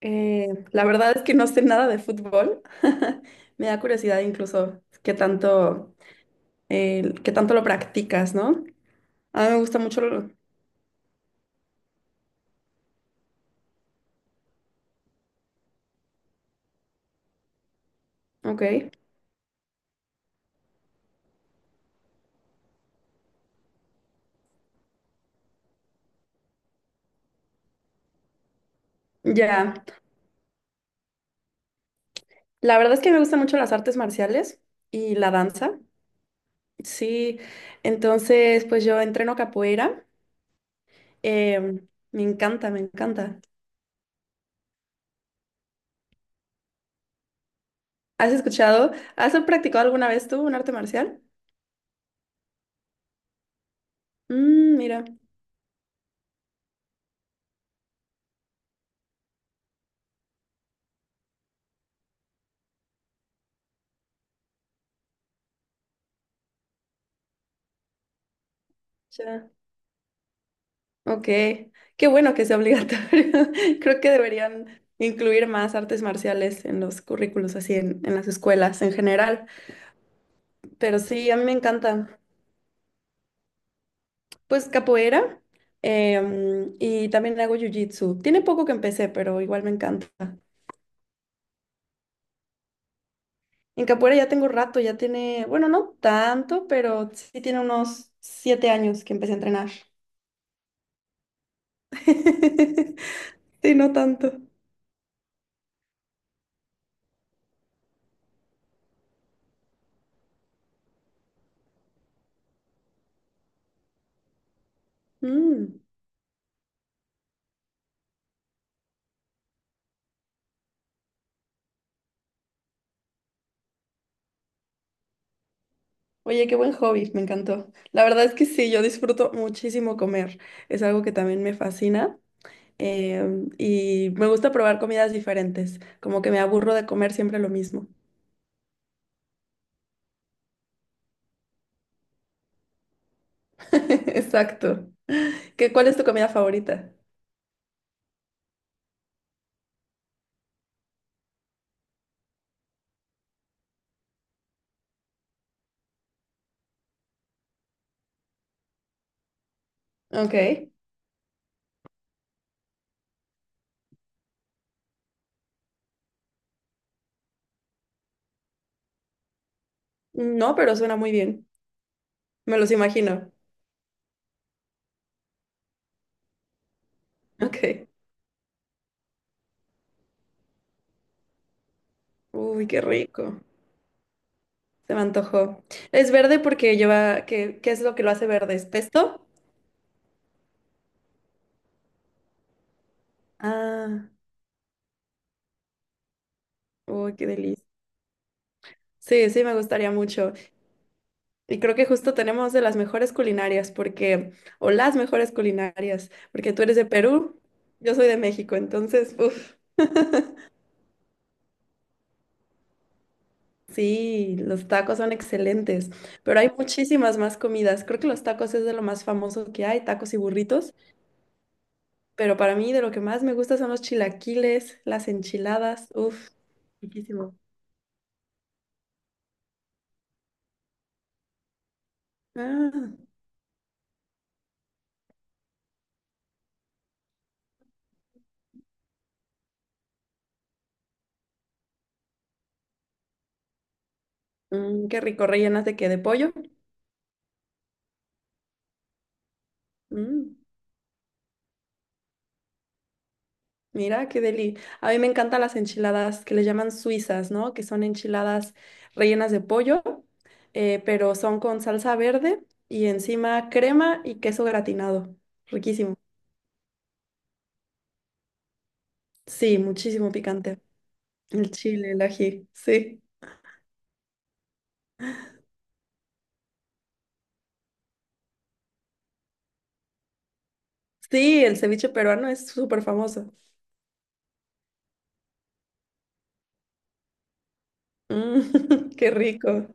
La verdad es que no sé nada de fútbol. Me da curiosidad incluso qué tanto lo practicas, ¿no? A mí me gusta mucho lo- Ok, ya. La verdad es que me gustan mucho las artes marciales y la danza. Sí, entonces pues yo entreno capoeira. Me encanta, me encanta. ¿Has escuchado? ¿Has practicado alguna vez tú un arte marcial? Mm, mira. Ok, qué bueno que sea obligatorio. Creo que deberían incluir más artes marciales en los currículos, así en las escuelas en general. Pero sí, a mí me encanta. Pues capoeira, y también hago jiu-jitsu. Tiene poco que empecé, pero igual me encanta. En capoeira ya tengo rato, ya tiene, bueno, no tanto, pero sí tiene unos 7 años que empecé a entrenar. Sí, no tanto. Mm. Oye, qué buen hobby, me encantó. La verdad es que sí, yo disfruto muchísimo comer. Es algo que también me fascina. Y me gusta probar comidas diferentes. Como que me aburro de comer siempre lo mismo. Exacto. ¿Qué, cuál es tu comida favorita? Ok. No, pero suena muy bien. Me los imagino. Ok. Uy, qué rico. Se me antojó. Es verde porque lleva. ¿Qué, qué es lo que lo hace verde? ¿Es pesto? Ah, uy, qué delicia. Sí, sí, me gustaría mucho. Y creo que justo tenemos de las mejores culinarias, porque, o las mejores culinarias, porque tú eres de Perú, yo soy de México, entonces, uff, sí, los tacos son excelentes, pero hay muchísimas más comidas. Creo que los tacos es de lo más famoso que hay, tacos y burritos, pero para mí de lo que más me gusta son los chilaquiles, las enchiladas, uff, riquísimo. Ah, mm, qué rico, rellenas de qué, de pollo. Mm. Mira, qué deli. A mí me encantan las enchiladas que le llaman suizas, ¿no? Que son enchiladas rellenas de pollo, pero son con salsa verde y encima crema y queso gratinado. Riquísimo. Sí, muchísimo picante. El chile, el ají, sí. Sí, el ceviche peruano es súper famoso. Mm, qué rico.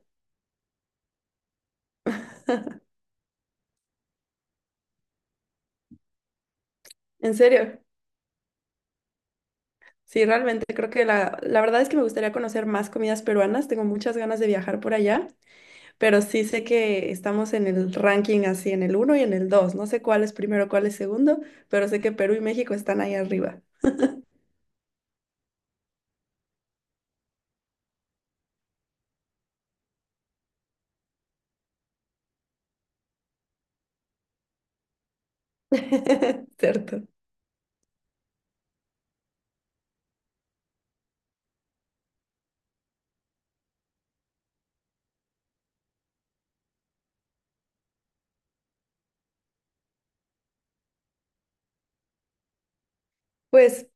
En serio. Sí, realmente creo que la verdad es que me gustaría conocer más comidas peruanas. Tengo muchas ganas de viajar por allá. Pero sí sé que estamos en el ranking así, en el uno y en el dos. No sé cuál es primero, cuál es segundo, pero sé que Perú y México están ahí arriba. Cierto. Pues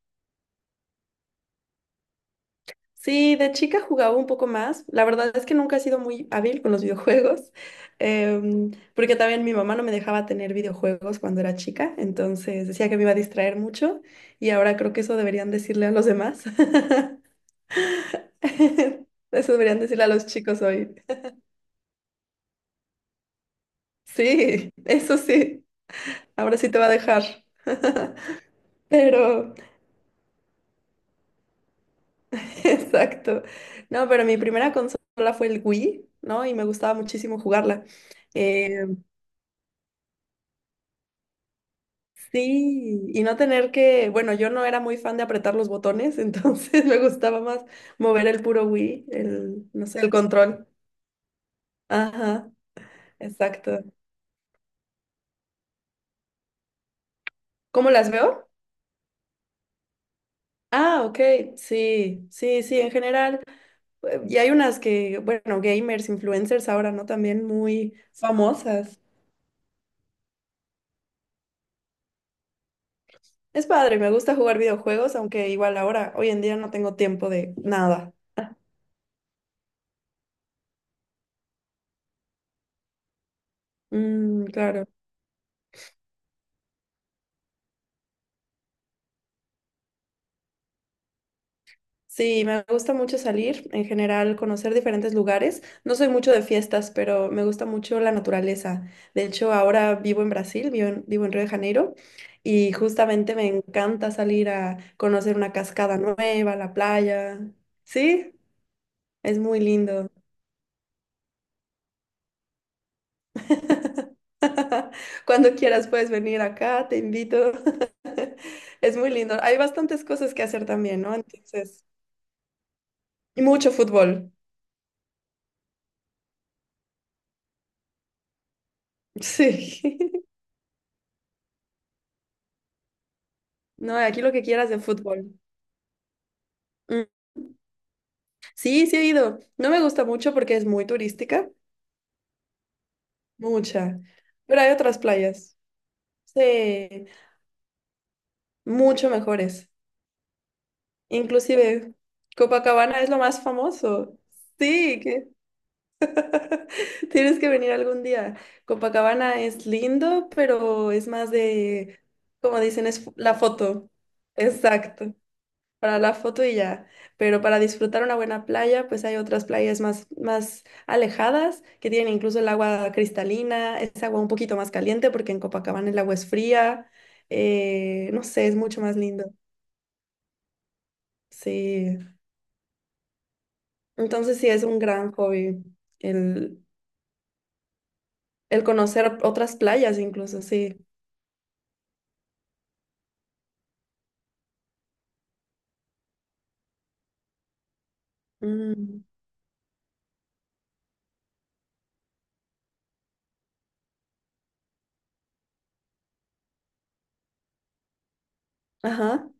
sí, de chica jugaba un poco más. La verdad es que nunca he sido muy hábil con los videojuegos, porque también mi mamá no me dejaba tener videojuegos cuando era chica, entonces decía que me iba a distraer mucho y ahora creo que eso deberían decirle a los demás. Eso deberían decirle a los chicos hoy. Sí, eso sí. Ahora sí te va a dejar. Pero exacto. No, pero mi primera consola fue el Wii, ¿no? Y me gustaba muchísimo jugarla. Eh, sí, y no tener que, bueno, yo no era muy fan de apretar los botones, entonces me gustaba más mover el puro Wii, el, no sé, el control. Ajá, exacto. ¿Cómo las veo? Ah, ok, sí, sí, sí, en general. Y hay unas que, bueno, gamers, influencers ahora, ¿no? También muy famosas. Es padre, me gusta jugar videojuegos, aunque igual ahora, hoy en día no tengo tiempo de nada. Mm, claro. Sí, me gusta mucho salir, en general, conocer diferentes lugares. No soy mucho de fiestas, pero me gusta mucho la naturaleza. De hecho, ahora vivo en Brasil, vivo en Río de Janeiro, y justamente me encanta salir a conocer una cascada nueva, la playa. Sí, es muy lindo. Cuando quieras puedes venir acá, te invito. Es muy lindo. Hay bastantes cosas que hacer también, ¿no? Entonces, y mucho fútbol. Sí. No, aquí lo que quieras de fútbol. Mm. Sí, sí he ido. No me gusta mucho porque es muy turística, mucha. Pero hay otras playas, sí, mucho mejores. Inclusive, Copacabana es lo más famoso. Sí, que tienes que venir algún día. Copacabana es lindo, pero es más de, como dicen, es fo- la foto. Exacto, para la foto y ya. Pero para disfrutar una buena playa, pues hay otras playas más, más alejadas que tienen incluso el agua cristalina, es agua un poquito más caliente porque en Copacabana el agua es fría. No sé, es mucho más lindo. Sí, entonces sí es un gran hobby el, el conocer otras playas incluso, sí. Mm. Ajá,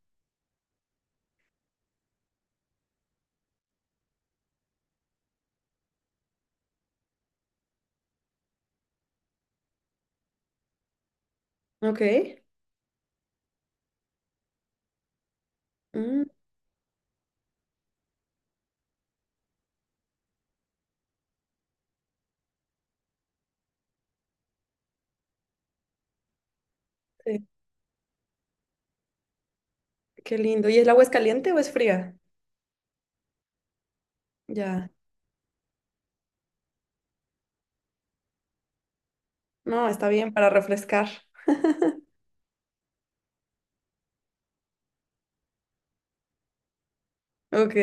ok. Mm, sí, qué lindo. ¿Y el agua es caliente o es fría? Ya. No, está bien para refrescar. Ok,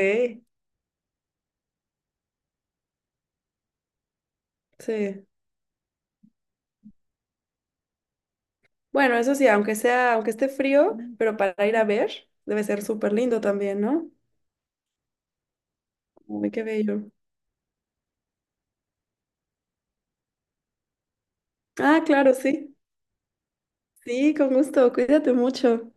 sí. Bueno, eso sí, aunque sea, aunque esté frío, pero para ir a ver, debe ser súper lindo también, ¿no? Uy, qué bello. Ah, claro, sí. Sí, con gusto. Cuídate mucho.